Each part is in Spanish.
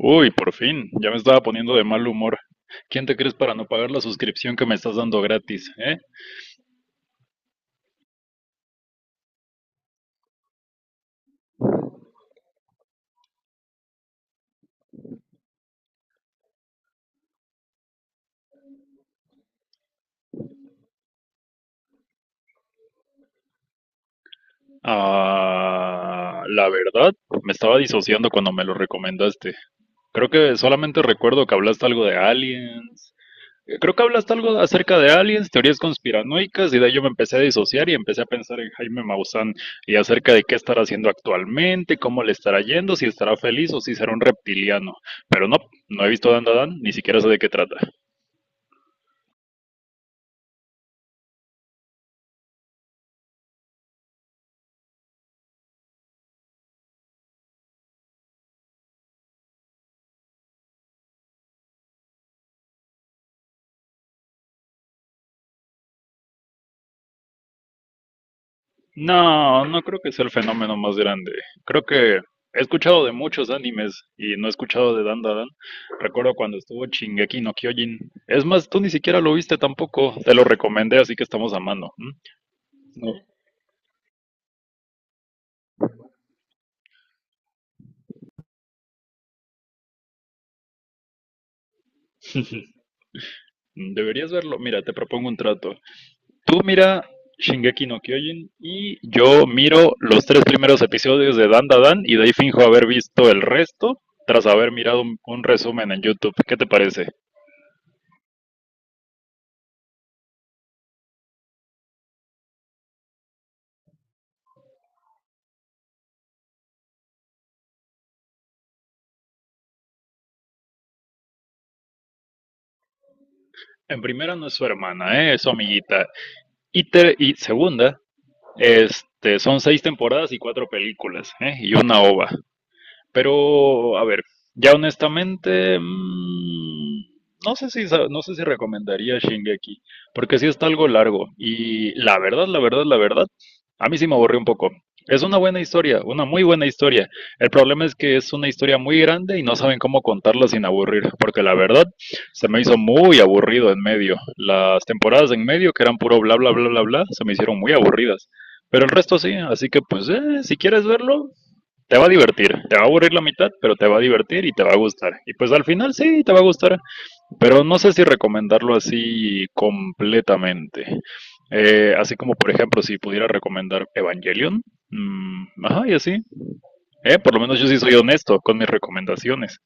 Uy, por fin, ya me estaba poniendo de mal humor. ¿Quién te crees para no pagar la suscripción que me estás dando gratis, eh? Ah, la verdad, me estaba disociando cuando me lo recomendaste. Creo que solamente recuerdo que hablaste algo de aliens. Creo que hablaste algo acerca de aliens, teorías conspiranoicas, y de ahí yo me empecé a disociar y empecé a pensar en Jaime Maussan y acerca de qué estará haciendo actualmente, cómo le estará yendo, si estará feliz o si será un reptiliano. Pero no, no he visto Dan Dan, ni siquiera sé de qué trata. No, no creo que sea el fenómeno más grande. Creo que he escuchado de muchos animes y no he escuchado de Dandadan. Recuerdo cuando estuvo Shingeki no Kyojin. Es más, tú ni siquiera lo viste tampoco. Te lo recomendé, así que estamos a mano. ¿M? No. Deberías verlo. Mira, te propongo un trato. Tú mira Shingeki no Kyojin y yo miro los tres primeros episodios de Dandadan y de ahí finjo haber visto el resto tras haber mirado un resumen en YouTube. ¿Qué te parece? En primera no es su hermana, ¿eh? Es su amiguita. Y, y segunda, este, son seis temporadas y cuatro películas, ¿eh? Y una ova. Pero, a ver, ya honestamente, no sé si, no sé si recomendaría Shingeki, porque sí está algo largo. Y la verdad, la verdad, la verdad, a mí sí me aburrió un poco. Es una buena historia, una muy buena historia. El problema es que es una historia muy grande y no saben cómo contarla sin aburrir, porque la verdad se me hizo muy aburrido en medio. Las temporadas en medio, que eran puro bla, bla, bla, bla, bla, se me hicieron muy aburridas. Pero el resto sí, así que pues si quieres verlo, te va a divertir, te va a aburrir la mitad, pero te va a divertir y te va a gustar. Y pues al final sí, te va a gustar, pero no sé si recomendarlo así completamente. Así como, por ejemplo, si pudiera recomendar Evangelion, mm, ajá, y así. Por lo menos yo sí soy honesto con mis recomendaciones.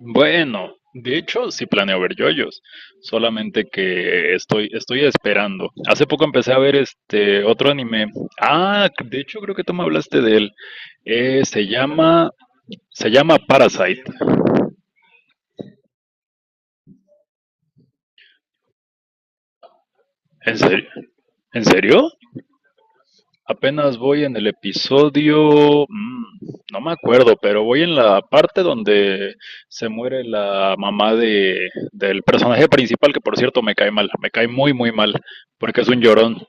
Bueno, de hecho, sí planeo ver yoyos, solamente que estoy esperando. Hace poco empecé a ver este otro anime. Ah, de hecho creo que tú me hablaste de él. Eh, se llama, Se llama Parasite. ¿En serio? ¿En serio? Apenas voy en el episodio, no me acuerdo, pero voy en la parte donde se muere la mamá del personaje principal, que por cierto me cae mal, me cae muy, muy mal, porque es un llorón.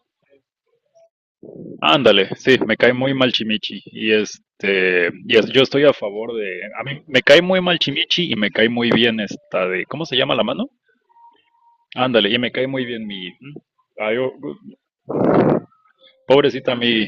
Ándale, sí, me cae muy mal Chimichi y este, y yo estoy a favor de, a mí me cae muy mal Chimichi y me cae muy bien esta de, ¿cómo se llama la mano? Ándale, y me cae muy bien mi, ay, oh, pobrecita mi,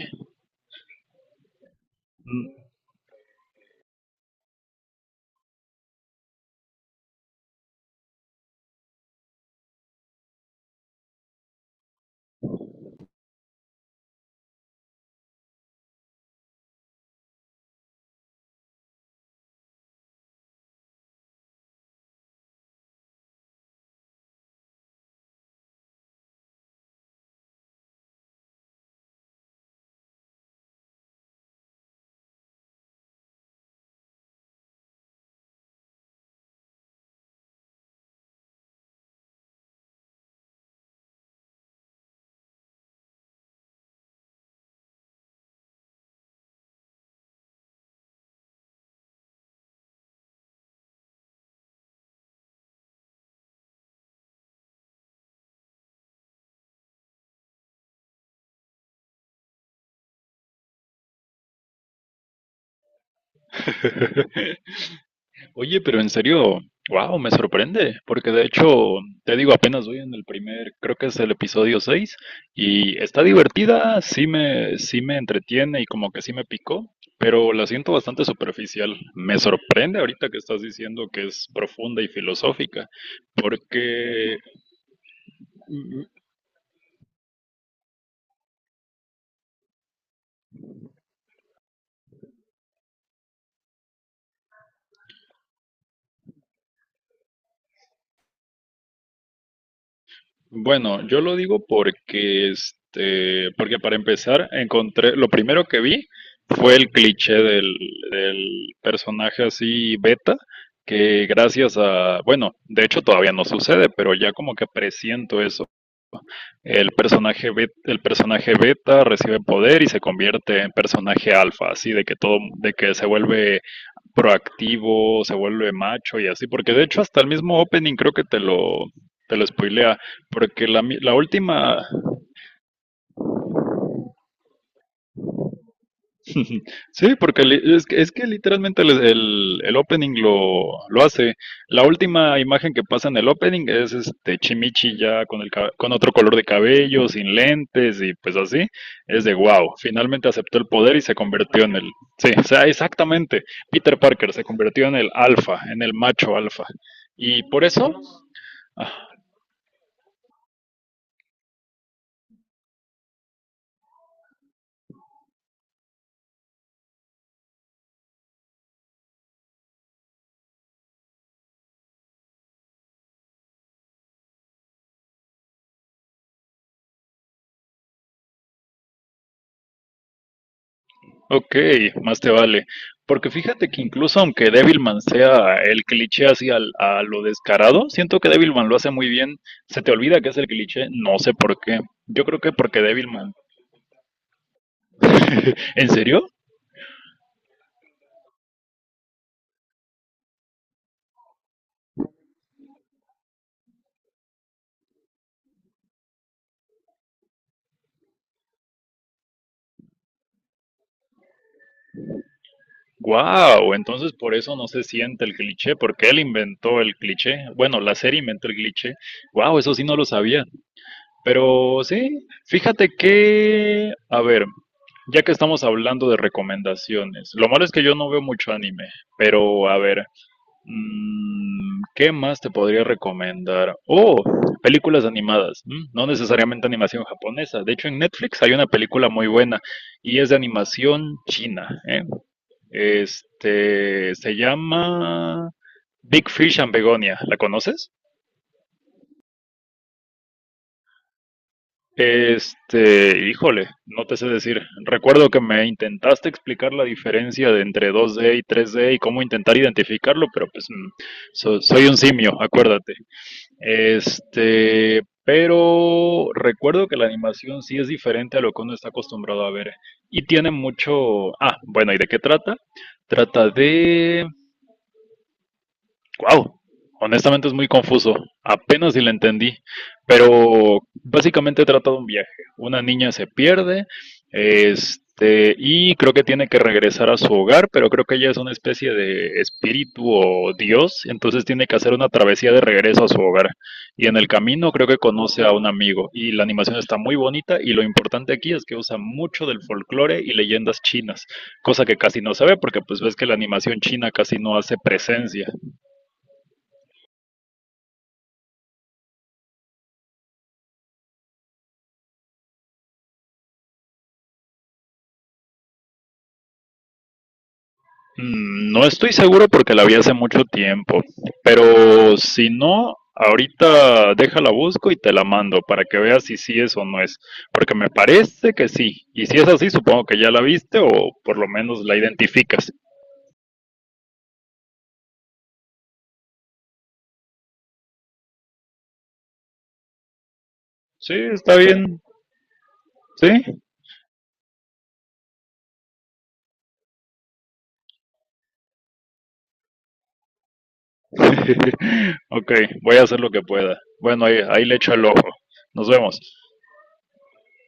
Oye, pero en serio, wow, me sorprende, porque de hecho, te digo, apenas voy en el primer, creo que es el episodio 6 y está divertida, sí me entretiene y como que sí me picó, pero la siento bastante superficial. Me sorprende ahorita que estás diciendo que es profunda y filosófica, porque bueno, yo lo digo porque, este, porque para empezar, encontré, lo primero que vi fue el cliché del, del personaje así beta, que gracias a, bueno, de hecho todavía no sucede, pero ya como que presiento eso. El personaje beta recibe poder y se convierte en personaje alfa, así de que todo, de que se vuelve proactivo, se vuelve macho y así, porque de hecho hasta el mismo opening creo que te lo spoilea, porque la, la última, sí, porque es que literalmente el, el opening lo hace. La última imagen que pasa en el opening es este Chimichi ya con, el, con otro color de cabello, sin lentes y pues así, es de wow, finalmente aceptó el poder y se convirtió en el, sí, o sea, exactamente, Peter Parker se convirtió en el alfa, en el macho alfa. Y por eso Ah, Ok, más te vale. Porque fíjate que incluso aunque Devilman sea el cliché así al a lo descarado, siento que Devilman lo hace muy bien. Se te olvida que es el cliché, no sé por qué. Yo creo que porque Devilman. ¿En serio? Wow, entonces por eso no se siente el cliché, porque él inventó el cliché. Bueno, la serie inventó el cliché. Wow, eso sí no lo sabía. Pero sí, fíjate que, a ver, ya que estamos hablando de recomendaciones, lo malo es que yo no veo mucho anime, pero a ver, ¿qué más te podría recomendar? Oh, películas animadas, no necesariamente animación japonesa. De hecho, en Netflix hay una película muy buena y es de animación china, ¿eh? Este, se llama Big Fish and Begonia, ¿la conoces? Este, híjole, no te sé decir. Recuerdo que me intentaste explicar la diferencia de entre 2D y 3D y cómo intentar identificarlo, pero pues soy un simio, acuérdate. Este, pero recuerdo que la animación sí es diferente a lo que uno está acostumbrado a ver y tiene mucho... Ah, bueno, ¿y de qué trata? Trata de... Wow, honestamente es muy confuso, apenas si le entendí, pero básicamente trata de un viaje. Una niña se pierde, este, y creo que tiene que regresar a su hogar, pero creo que ella es una especie de espíritu o dios, entonces tiene que hacer una travesía de regreso a su hogar. Y en el camino creo que conoce a un amigo, y la animación está muy bonita, y lo importante aquí es que usa mucho del folclore y leyendas chinas, cosa que casi no se ve porque pues ves que la animación china casi no hace presencia. No estoy seguro porque la vi hace mucho tiempo, pero si no, ahorita déjala busco y te la mando para que veas si sí es o no es, porque me parece que sí, y si es así, supongo que ya la viste o por lo menos la identificas. Sí, está bien, sí. Ok, voy a hacer lo que pueda. Bueno, ahí, ahí le echo el ojo. Nos vemos.